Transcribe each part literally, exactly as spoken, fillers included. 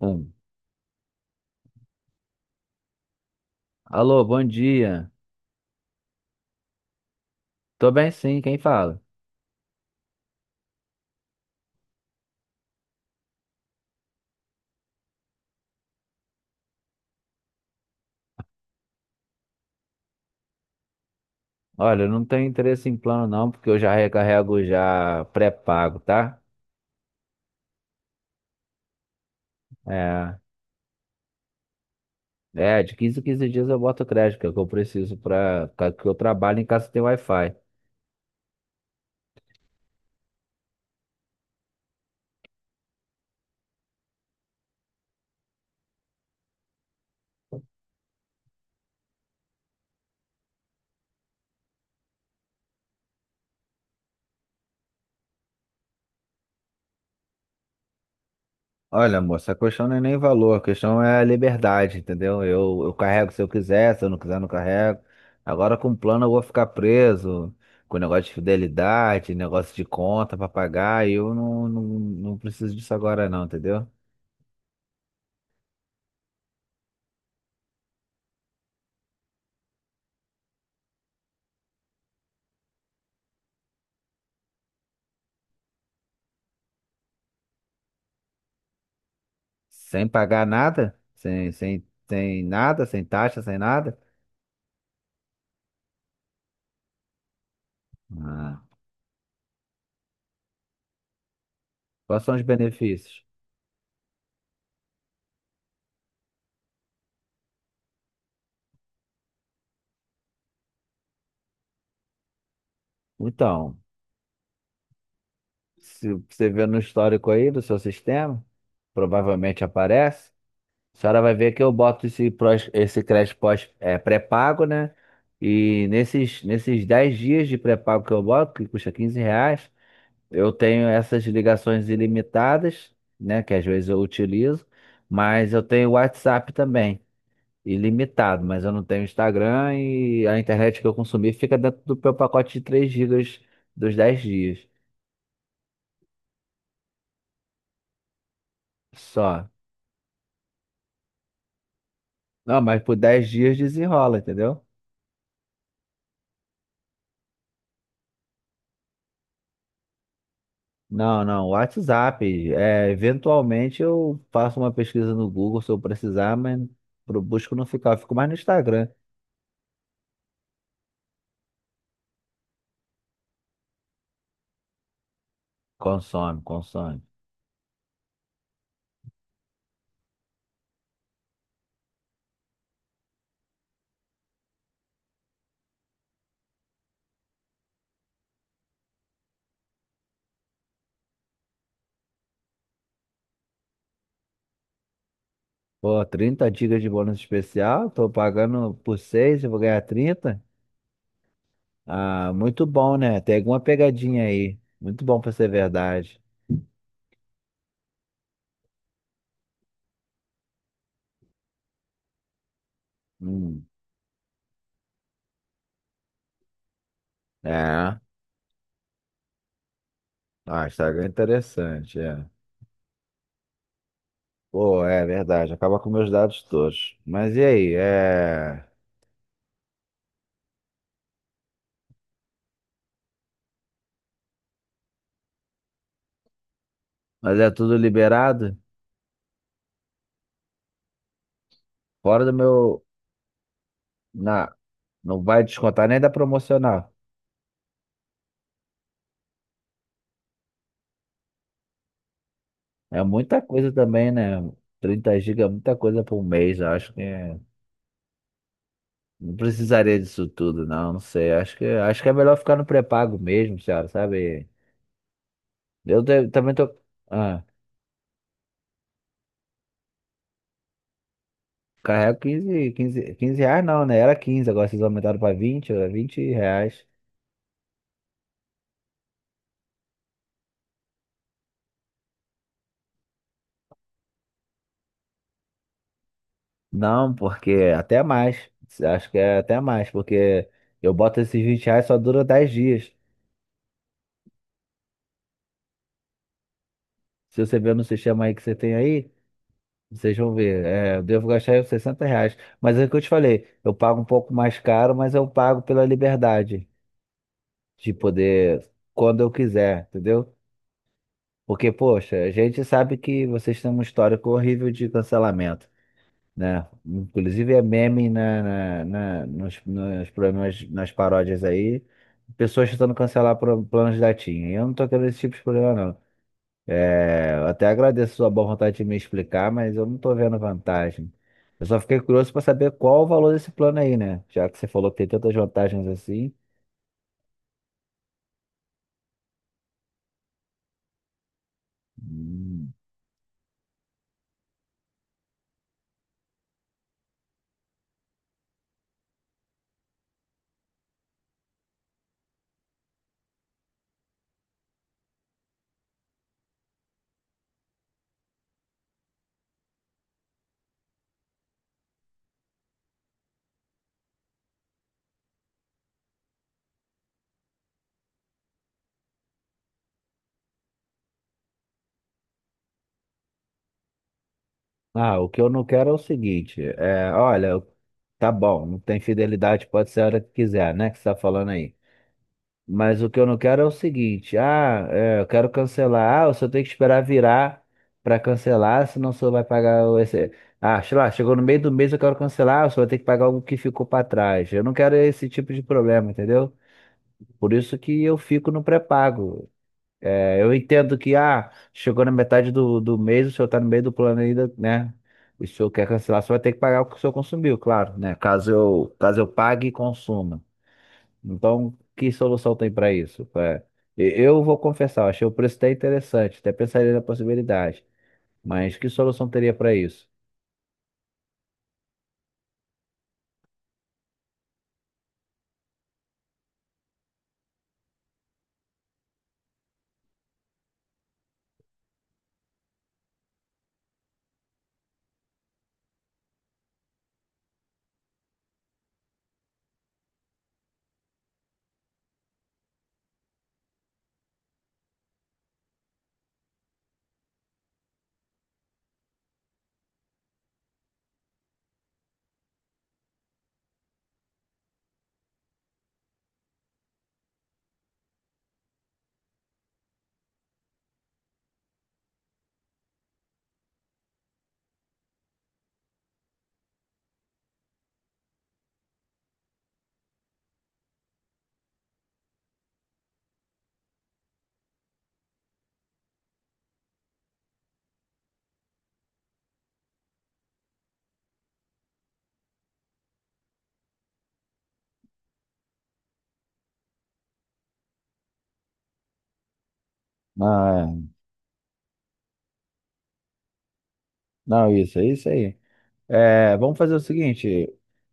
Um. Alô, bom dia. Tô bem sim, quem fala? Olha, eu não tenho interesse em plano não, porque eu já recarrego já pré-pago, tá? É, é, de quinze em quinze dias eu boto crédito, que é o que eu preciso para que eu trabalho em casa que tem Wi-Fi. Olha, moça, a questão não é nem valor, a questão é a liberdade, entendeu? Eu, eu carrego se eu quiser, se eu não quiser, não carrego. Agora com o plano eu vou ficar preso, com negócio de fidelidade, negócio de conta pra pagar, e eu não, não, não preciso disso agora não, entendeu? Sem pagar nada? Sem, sem, sem nada, sem taxa, sem nada? Ah, quais são os benefícios? Então, se você vê no histórico aí do seu sistema, provavelmente aparece. A senhora vai ver que eu boto esse, prós- esse crédito pós, é, pré-pago, né? E nesses, nesses dez dias de pré-pago que eu boto, que custa quinze reais, eu tenho essas ligações ilimitadas, né? Que às vezes eu utilizo, mas eu tenho o WhatsApp também. Ilimitado, mas eu não tenho Instagram e a internet que eu consumi fica dentro do meu pacote de três gigas dos dez dias só. Não, mas por dez dias desenrola, entendeu? Não, não, WhatsApp. É, eventualmente eu faço uma pesquisa no Google se eu precisar, mas pro busco não ficar, eu fico mais no Instagram. Consome, consome. Pô, trinta gigas de bônus especial, tô pagando por seis, eu vou ganhar trinta. Ah, muito bom, né? Tem alguma pegadinha aí. Muito bom pra ser verdade. Hum, é. Ah, Instagram é interessante, é. Pô, é verdade. Acaba com meus dados todos. Mas e aí? É... Mas é tudo liberado? Fora do meu. Na... Não vai descontar nem da promocional. É muita coisa também, né? Trinta gigas é muita coisa por mês. Eu acho que é- Não precisaria disso tudo, não. Não sei. Acho que, acho que é melhor ficar no pré-pago mesmo, senhora, sabe? Eu te- também tô. Ah. Carrega quinze, quinze, quinze reais não, né? Era quinze, agora vocês aumentaram para vinte, era vinte reais. Não, porque até mais. Acho que é até mais, porque eu boto esses vinte reais só dura dez dias. Se você ver no sistema aí que você tem aí, vocês vão ver. É, eu devo gastar aí uns sessenta reais. Mas é o que eu te falei, eu pago um pouco mais caro, mas eu pago pela liberdade de poder, quando eu quiser, entendeu? Porque, poxa, a gente sabe que vocês têm um histórico horrível de cancelamento. Né? Inclusive é meme na, na, na- nos, nos problemas, nas paródias aí, pessoas tentando cancelar pro- planos da TIM. E eu não tô querendo esse tipo de problema, não. É, eu até agradeço a sua boa vontade de me explicar, mas eu não tô vendo vantagem. Eu só fiquei curioso para saber qual o valor desse plano aí, né? Já que você falou que tem tantas vantagens assim. Hum. Ah, o que eu não quero é o seguinte, é, olha, tá bom, não tem fidelidade, pode ser a hora que quiser, né? Que você tá falando aí. Mas o que eu não quero é o seguinte, ah, é, eu quero cancelar, ah, o senhor tem que esperar virar para cancelar, senão o senhor vai pagar o esse... Ah, sei lá, chegou no meio do mês, eu quero cancelar, o senhor vai ter que pagar algo que ficou para trás. Eu não quero esse tipo de problema, entendeu? Por isso que eu fico no pré-pago. É, eu entendo que, ah, chegou na metade do, do mês, o senhor tá no meio do plano ainda, né? O senhor quer cancelar, o senhor vai ter que pagar o que o senhor consumiu, claro, né? Caso eu, caso eu pague e consuma. Então, que solução tem para isso? É, e- eu vou confessar, achei o preço até interessante, até pensaria na possibilidade, mas que solução teria para isso? Ah, não, isso, é isso aí. É, vamos fazer o seguinte,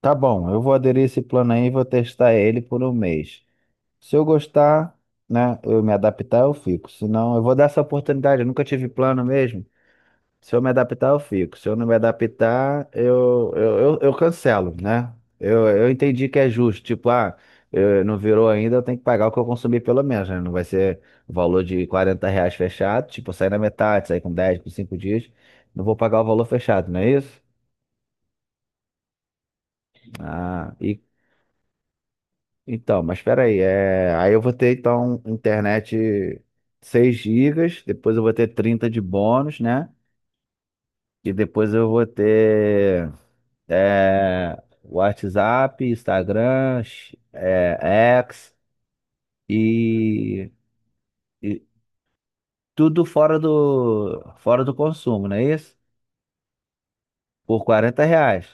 tá bom, eu vou aderir esse plano aí e vou testar ele por um mês. Se eu gostar, né, eu me adaptar, eu fico. Se não, eu vou dar essa oportunidade, eu nunca tive plano mesmo. Se eu me adaptar, eu fico. Se eu não me adaptar, eu, eu, eu, eu cancelo, né? Eu, eu entendi que é justo. Tipo, ah, eu, não virou ainda, eu tenho que pagar o que eu consumi pelo menos, né? Não vai ser o valor de quarenta reais fechado. Tipo, eu sair na metade, sair com dez, com cinco dias. Não vou pagar o valor fechado, não é isso? Ah, e, então, mas peraí. É, aí eu vou ter, então, internet seis gigas. Depois eu vou ter trinta de bônus, né? E depois eu vou ter. É, WhatsApp, Instagram, é, X e, e tudo fora do, fora do consumo, não é isso? Por quarenta reais.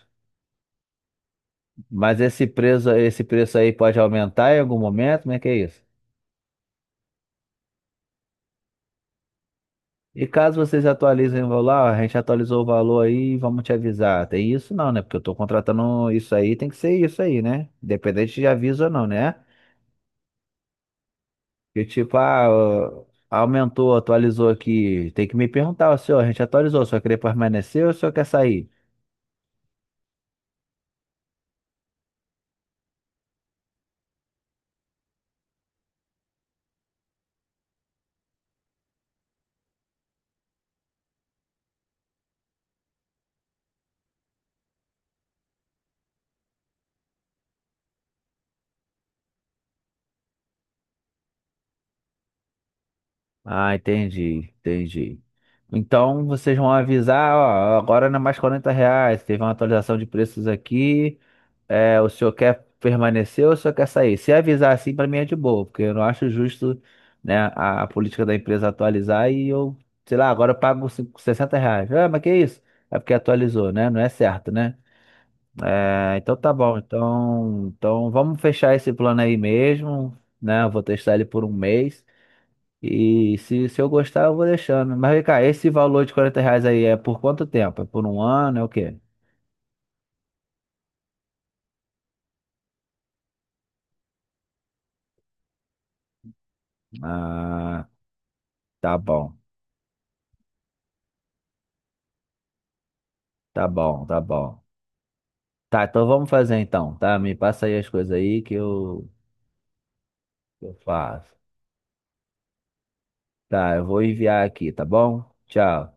Mas esse preço, esse preço aí pode aumentar em algum momento, como é que é isso? E caso vocês atualizem o valor, ó, a gente atualizou o valor aí, vamos te avisar. Tem isso não, né? Porque eu tô contratando isso aí, tem que ser isso aí, né? Independente de aviso ou não, né? Que tipo, ah, ó, aumentou, atualizou aqui. Tem que me perguntar, ó, senhor, a gente atualizou, o senhor quer permanecer ou o senhor quer sair? Ah, entendi, entendi. Então vocês vão avisar, ó, agora não é mais quarenta reais, teve uma atualização de preços aqui. É, o senhor quer permanecer ou o senhor quer sair? Se avisar assim, pra mim é de boa, porque eu não acho justo, né, a, a política da empresa atualizar e eu, sei lá, agora eu pago cinco- sessenta reais. Ah, mas que isso? É porque atualizou, né? Não é certo, né? É, então tá bom. Então, então vamos fechar esse plano aí mesmo, né? Eu vou testar ele por um mês. E se, se eu gostar, eu vou deixando. Mas vem cá, esse valor de quarenta reais aí é por quanto tempo? É por um ano? É o quê? Ah, tá bom, tá bom, tá bom. Tá, então vamos fazer então, tá? Me passa aí as coisas aí que eu, que eu faço. Tá, eu vou enviar aqui, tá bom? Tchau.